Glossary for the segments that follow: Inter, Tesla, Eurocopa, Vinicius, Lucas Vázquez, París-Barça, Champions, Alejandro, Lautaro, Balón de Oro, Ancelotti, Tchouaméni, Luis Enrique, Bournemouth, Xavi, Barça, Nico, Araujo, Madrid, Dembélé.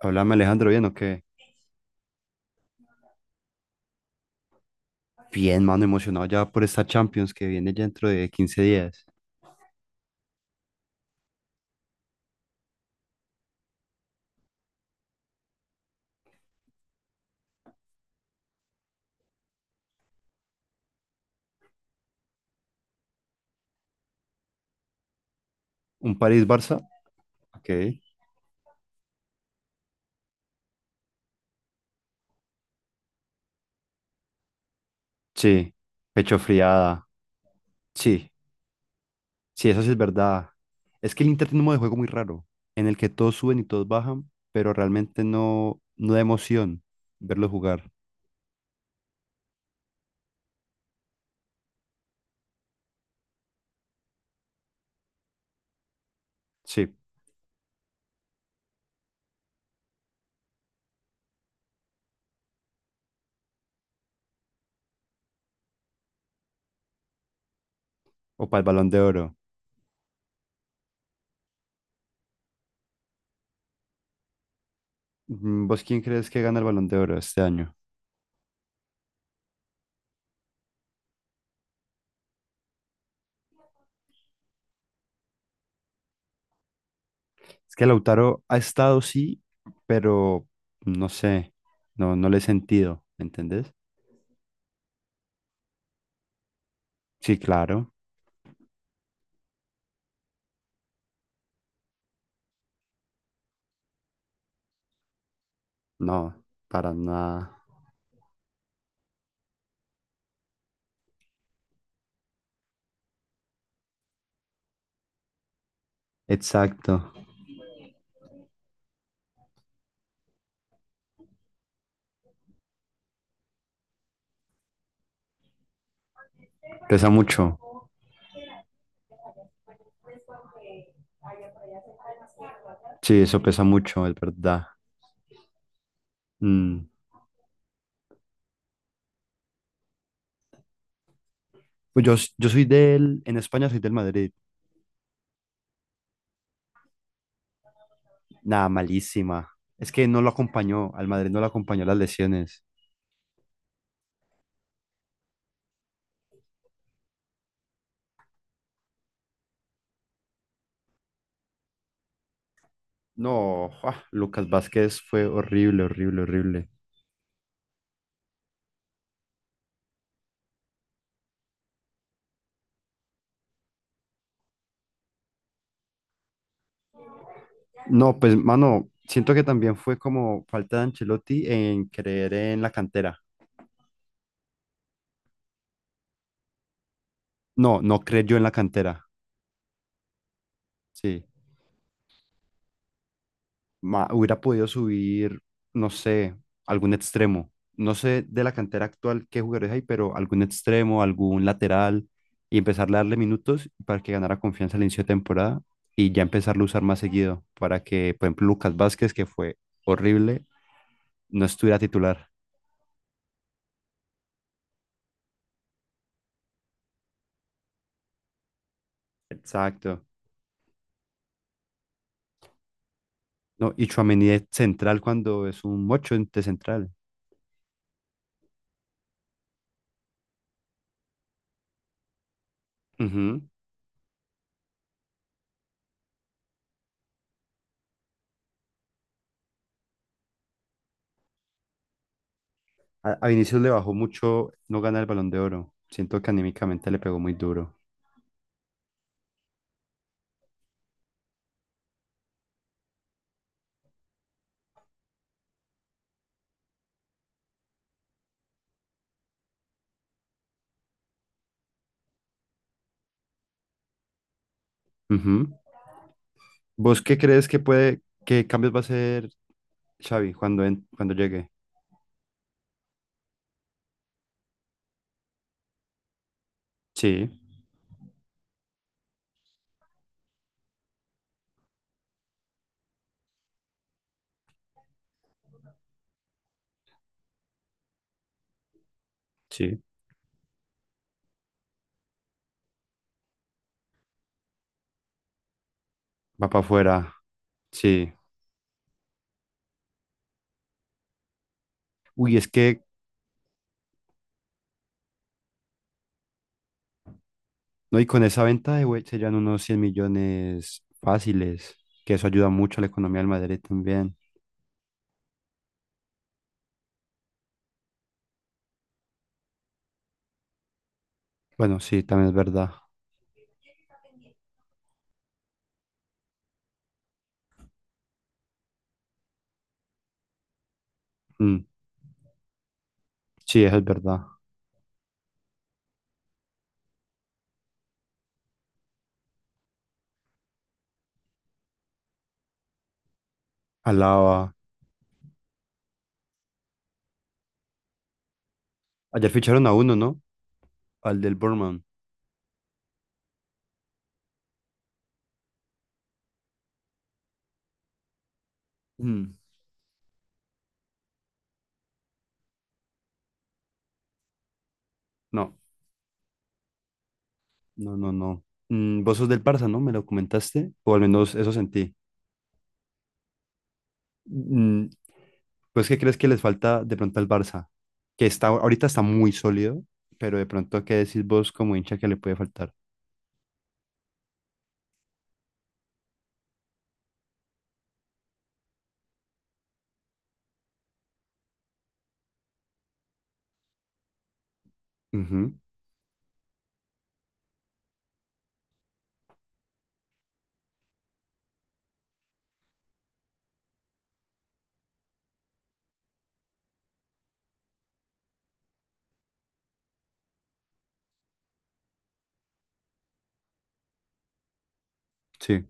Háblame, Alejandro, ¿bien o qué? Bien, mano, emocionado ya por esta Champions que viene ya dentro de 15 días. ¿Un París-Barça? Ok. Sí. Pecho friada. Sí. Sí, eso sí es verdad. Es que el Inter tiene un modo de juego muy raro, en el que todos suben y todos bajan, pero realmente no da emoción verlo jugar. Sí. O para el Balón de Oro. Mm, ¿vos quién crees que gana el Balón de Oro este año? Es que Lautaro ha estado, sí, pero no sé. No, no le he sentido, ¿me entendés? Sí, claro. No, para nada. Exacto. Pesa mucho. Sí, eso pesa mucho, es verdad. Mm. Pues yo, yo soy del, en España soy del Madrid. Nada, malísima. Es que no lo acompañó, al Madrid no lo acompañó las lesiones. No, ah, Lucas Vázquez fue horrible, horrible, horrible. No, pues, mano, siento que también fue como falta de Ancelotti en creer en la cantera. No, no creyó en la cantera. Sí. Hubiera podido subir, no sé, algún extremo. No sé de la cantera actual qué jugadores hay, pero algún extremo, algún lateral, y empezarle a darle minutos para que ganara confianza al inicio de temporada y ya empezarlo a usar más seguido para que, por ejemplo, Lucas Vázquez, que fue horrible, no estuviera titular. Exacto. No, y Tchouaméni de central cuando es un 8 de central. Ujú. A Vinicius le bajó mucho no ganar el Balón de Oro. Siento que anímicamente le pegó muy duro. Ujú. ¿Vos qué crees que puede, qué cambios va a hacer Xavi cuando, cuando llegue? Sí, sí, va para afuera, sí. Uy, es que, no, y con esa venta de güey serían unos 100 millones fáciles, que eso ayuda mucho a la economía del Madrid también. Bueno, sí, también es verdad. Mm, sí, eso es verdad. Alaba. Ayer ficharon a uno, ¿no? Al del Bournemouth. Mm, no, no, no, no. Mm, vos sos del Barça, ¿no? ¿Me lo comentaste? O al menos eso sentí. Mm, ¿pues qué crees que les falta de pronto al Barça? Que está, ahorita está muy sólido, pero de pronto, ¿qué decís vos como hincha que le puede faltar? Ujú, sí.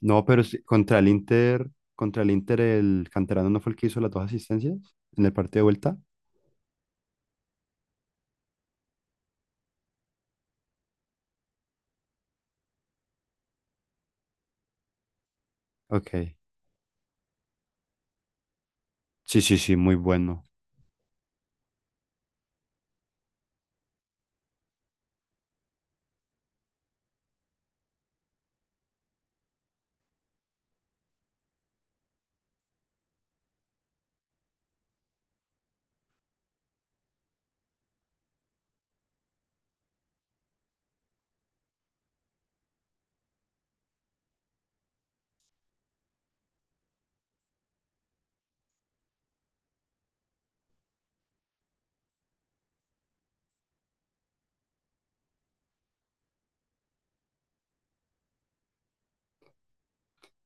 No, pero sí, contra el Inter, el canterano no fue el que hizo las dos asistencias en el partido de vuelta. Ok. Sí, sí, sí, muy bueno.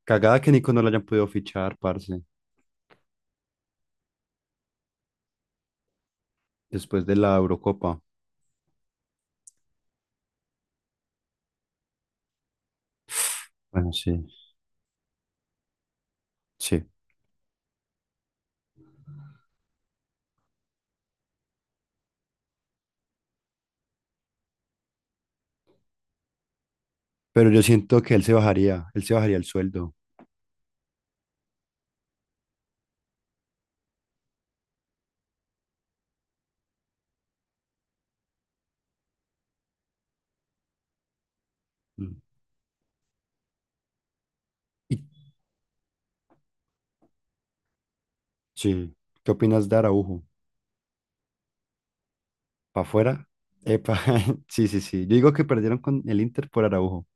Cagada que Nico no lo hayan podido fichar, parce, después de la Eurocopa. Bueno, sí, sí. Pero yo siento que él se bajaría el sueldo. Mm. Y, sí. ¿Qué opinas de Araujo? ¿Para afuera? Epa, sí, sí, sí. Yo digo que perdieron con el Inter por Araujo.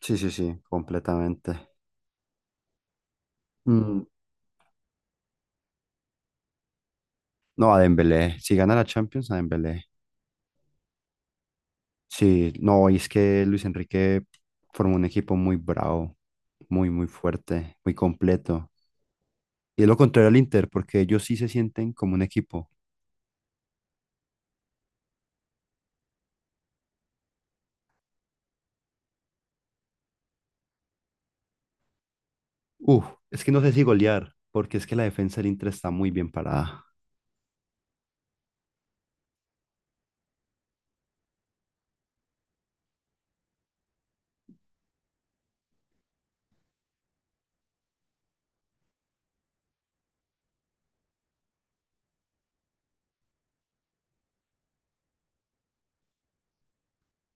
Sí, sí, sí, completamente. Mm, no, a Dembélé. Si gana la Champions, a Dembélé. Sí, no, y es que Luis Enrique formó un equipo muy bravo, muy, muy fuerte, muy completo. Y es lo contrario al Inter, porque ellos sí se sienten como un equipo. Uf, es que no sé si golear, porque es que la defensa del Inter está muy bien parada.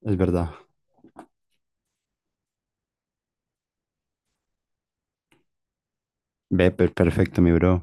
Es verdad. Ve, perfecto, mi bro.